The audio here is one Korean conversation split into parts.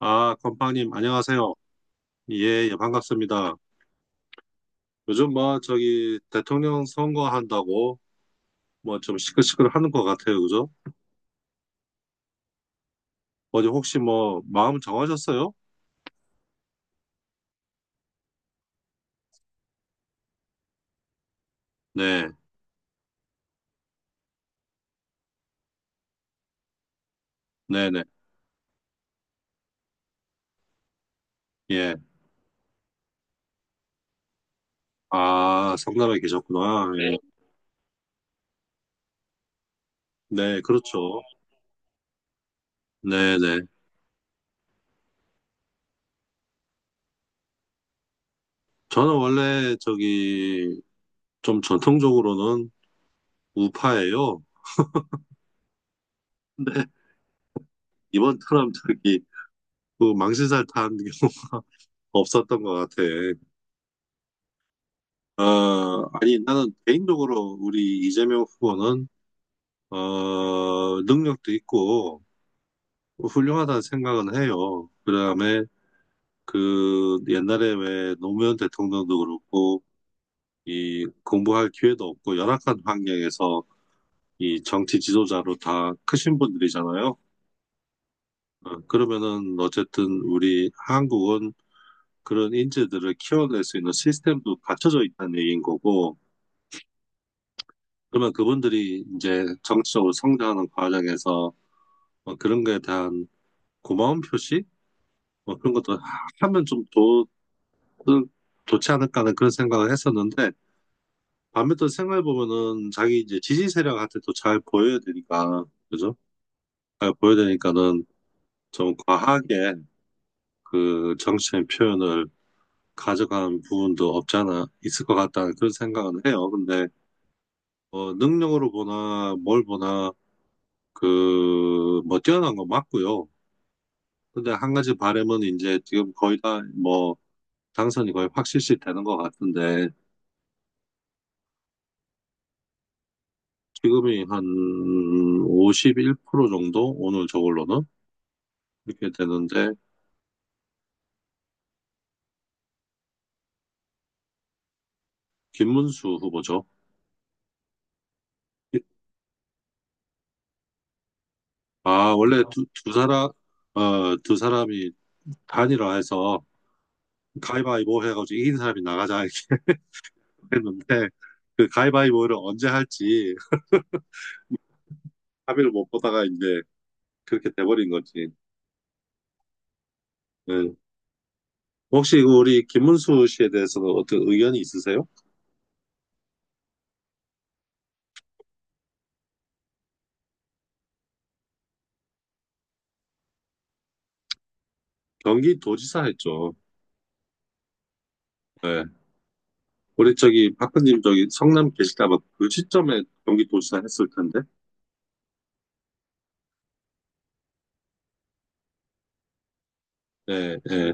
아, 건빵님, 안녕하세요. 예, 예, 반갑습니다. 요즘 뭐, 저기, 대통령 선거한다고, 뭐, 좀 시끌시끌 하는 것 같아요, 그죠? 어제 혹시 뭐, 마음 정하셨어요? 네, 네네, 예. 아, 성남에 계셨구나. 예. 네, 그렇죠. 네네. 저는 원래, 저기, 좀 전통적으로는 우파예요. 근데, 이번 처럼 저기, 그 망신살 탄 게 없었던 것 같아. 어, 아니, 나는 개인적으로 우리 이재명 후보는, 어, 능력도 있고, 훌륭하다는 생각은 해요. 그 다음에, 그, 옛날에 왜 노무현 대통령도 그렇고, 이, 공부할 기회도 없고, 열악한 환경에서 이 정치 지도자로 다 크신 분들이잖아요. 어, 그러면은, 어쨌든 우리 한국은 그런 인재들을 키워낼 수 있는 시스템도 갖춰져 있다는 얘기인 거고, 그러면 그분들이 이제 정치적으로 성장하는 과정에서 뭐 그런 거에 대한 고마운 표시? 뭐 그런 것도 하면 좀 더, 좋지 않을까 하는 그런 생각을 했었는데, 밤에 또 생각해 보면은 자기 이제 지지 세력한테 또 잘 보여야 되니까, 그죠? 잘 보여야 되니까는 좀 과하게 그 정치적인 표현을 가져간 부분도 없지 않아 있을 것 같다는 그런 생각은 해요. 근데, 어 능력으로 보나, 뭘 보나, 그, 뭐, 뛰어난 건 맞고요. 근데 한 가지 바람은 이제 지금 거의 다 뭐, 당선이 거의 확실시 되는 것 같은데 지금이 한 51% 정도 오늘 저걸로는 이렇게 되는데 김문수 후보죠. 아 원래 두 사람 어, 두 사람이 단일화해서 가위바위보 해가지고 이긴 사람이 나가자 이렇게 했는데 그 가위바위보를 언제 할지 합의를 못 보다가 이제 그렇게 돼버린 거지. 예. 혹시 그 우리 김문수 씨에 대해서는 어떤 의견이 있으세요? 경기도지사 했죠. 네. 우리 저기 박근님 저기 성남 계시다가 그 시점에 경기 도시사 했을 텐데. 예, 예.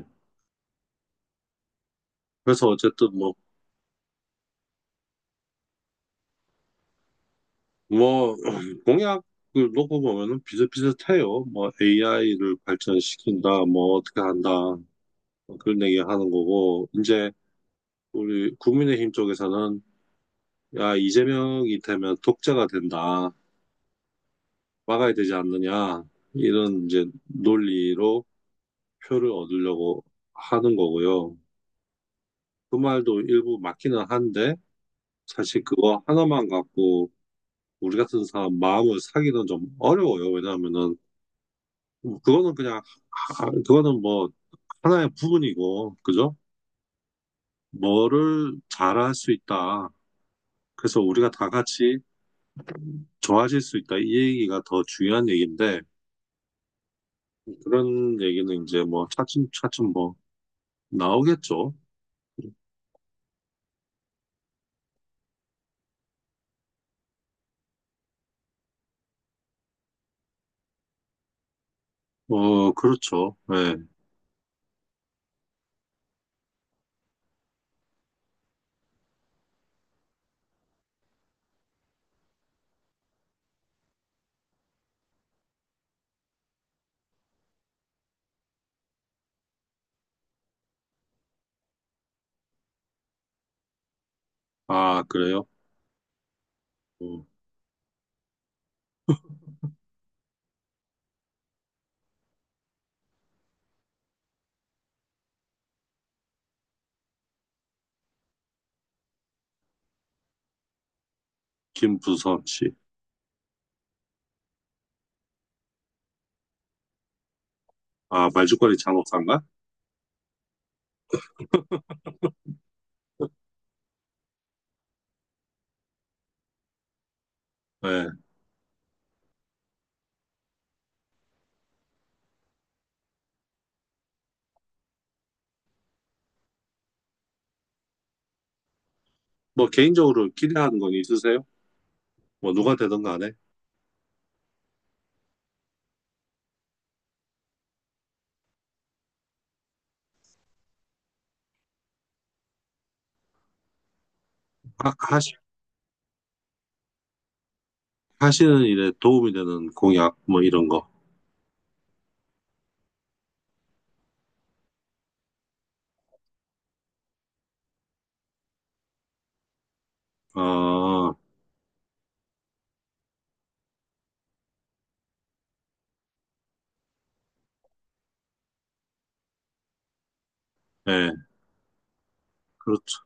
그래서 어쨌든 뭐, 뭐, 공약을 놓고 보면은 비슷비슷해요. 뭐 AI를 발전시킨다, 뭐 어떻게 한다, 뭐 그런 얘기 하는 거고, 이제 우리 국민의힘 쪽에서는 야, 이재명이 되면 독재가 된다. 막아야 되지 않느냐. 이런 이제 논리로 표를 얻으려고 하는 거고요. 그 말도 일부 맞기는 한데, 사실 그거 하나만 갖고 우리 같은 사람 마음을 사기는 좀 어려워요. 왜냐하면은 그거는 그냥 그거는 뭐 하나의 부분이고 그죠? 뭐를 잘할 수 있다. 그래서 우리가 다 같이 좋아질 수 있다. 이 얘기가 더 중요한 얘기인데 그런 얘기는 이제 뭐 차츰 차츰 뭐 나오겠죠. 어 그렇죠. 네. 아 그래요. 어, 김부섭 씨. 아 말죽거리 장옥사인가? 네. 뭐 개인적으로 기대하는 건 있으세요? 뭐 누가 되든 간에 하, 하시, 하시는 일에 도움이 되는 공약 뭐 이런 거. 아, 예, 그렇죠.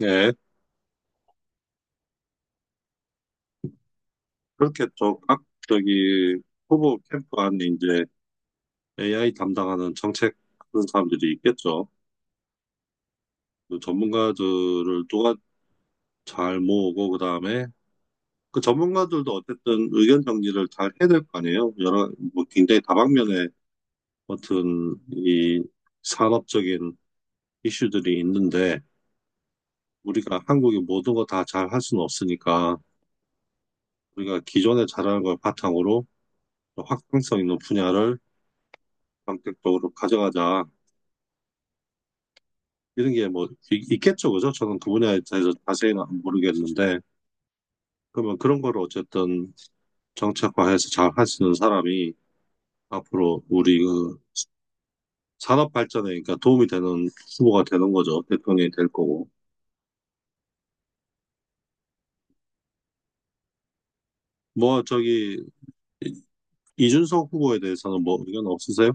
예, 그렇게 또 각, 저기 후보 캠프 안에 이제 AI 담당하는 정책 그런 사람들이 있겠죠. 그 전문가들을 누가 잘 모으고 그다음에 그 전문가들도 어쨌든 의견 정리를 잘 해야 될 거 아니에요. 여러 뭐 굉장히 다방면의 어떤 이 산업적인 이슈들이 있는데 우리가 한국의 모든 거 다 잘할 수는 없으니까 우리가 기존에 잘하는 걸 바탕으로 확장성 있는 분야를 선택적으로 가져가자. 이런 게 뭐 있겠죠, 그죠? 저는 그 분야에 대해서 자세히는 모르겠는데 그러면 그런 거를 어쨌든 정책화해서 잘할 수 있는 사람이 앞으로 우리 그 산업 발전에 그러니까 도움이 되는 후보가 되는 거죠. 대통령이 될 거고. 뭐 저기 이준석 후보에 대해서는 뭐 의견 없으세요?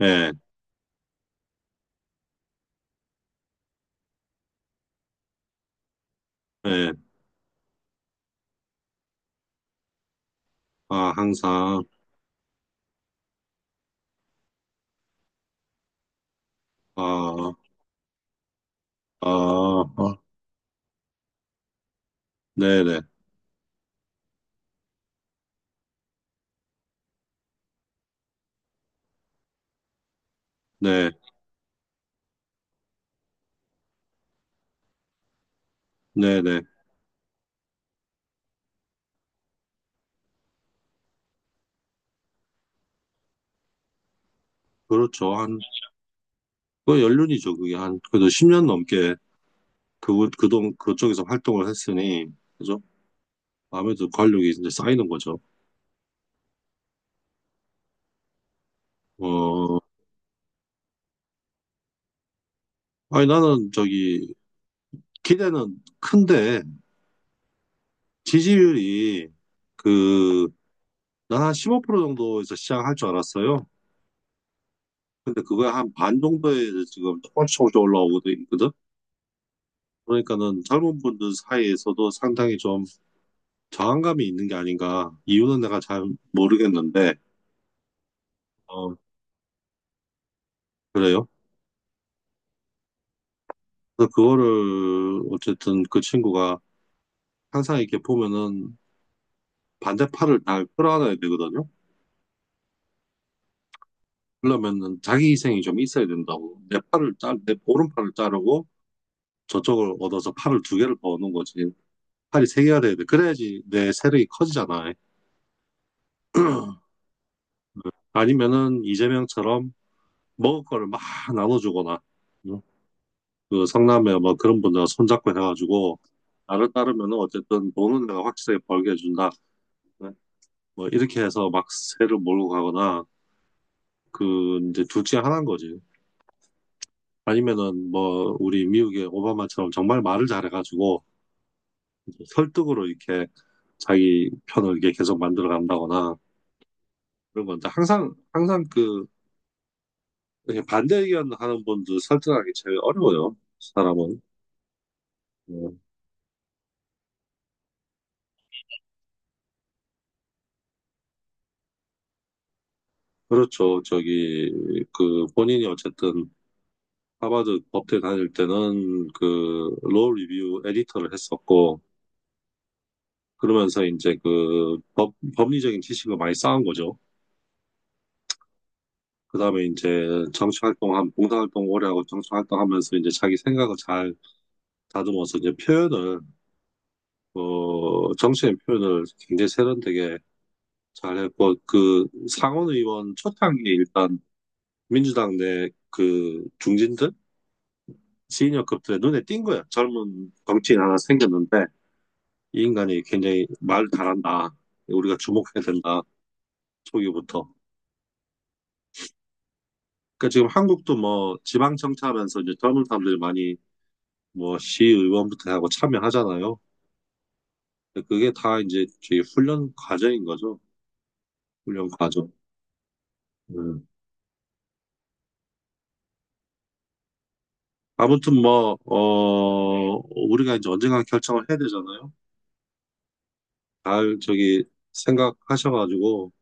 예, 예. 아, 항상 아, 아, 어, 네네, 네, 네네. 그렇죠. 한, 그 연륜이죠. 그게 한, 그래도 10년 넘게 그, 그쪽에서 활동을 했으니, 그죠? 아무래도 관록이 이제 쌓이는 거죠. 어, 아니, 나는 저기, 기대는 큰데, 지지율이 그, 난 한 15% 정도에서 시작할 줄 알았어요. 근데 그거에 한 반 정도에 지금 조금씩 조금씩 올라오고 있거든? 그러니까는 젊은 분들 사이에서도 상당히 저항감이 있는 게 아닌가. 이유는 내가 잘 모르겠는데, 어, 그래요. 그래서 그거를, 어쨌든 그 친구가 항상 이렇게 보면은 반대팔을 다 끌어안아야 되거든요. 그러면은 자기 희생이 좀 있어야 된다고. 내 팔을 내 오른팔을 자르고 저쪽을 얻어서 팔을 두 개를 버는 거지. 팔이 세 개가 돼야 돼. 그래야지 내 세력이 커지잖아. 응. 아니면은 이재명처럼 먹을 거를 막 나눠주거나, 응? 그 상남에 뭐 그런 분들 손잡고 해가지고 나를 따르면은 어쨌든 돈은 내가 확실하게 벌게 해준다. 네. 뭐 이렇게 해서 막 새를 몰고 가거나 그 이제 둘 중에 하나인 거지. 아니면은 뭐 우리 미국의 오바마처럼 정말 말을 잘해가지고 이제 설득으로 이렇게 자기 편을 이렇게 계속 만들어 간다거나 그런 건데 항상 그 이렇게 반대 의견 하는 분들 설득하기 제일 어려워요. 사람은. 네. 그렇죠. 저기 그 본인이 어쨌든 하버드 법대 다닐 때는 그, 로 리뷰 에디터를 했었고, 그러면서 이제 그 법리적인 지식을 많이 쌓은 거죠. 그 다음에 이제 봉사활동 오래 하고 정치활동하면서 이제 자기 생각을 잘 다듬어서 이제 표현을, 어, 정치인 표현을 굉장히 세련되게 잘했고, 그 상원의원 초창기에 일단 민주당 내 그 중진들, 시니어급들의 눈에 띈 거야. 젊은 정치인 하나 생겼는데, 이 인간이 굉장히 말 잘한다. 우리가 주목해야 된다. 초기부터. 그러니까 지금 한국도 뭐 지방청차하면서 이제 젊은 사람들이 많이 뭐 시의원부터 하고 참여하잖아요. 근데 그게 다 이제 저희 훈련 과정인 거죠. 훈련 과정. 음. 아무튼 뭐, 어, 우리가 이제 언젠가 결정을 해야 되잖아요. 잘 저기 생각하셔가지고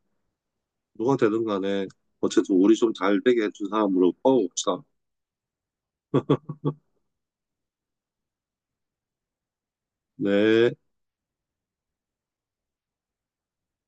누가 되든 간에 어쨌든 우리 좀 잘 되게 해준 사람으로 뽑아봅시다. 네.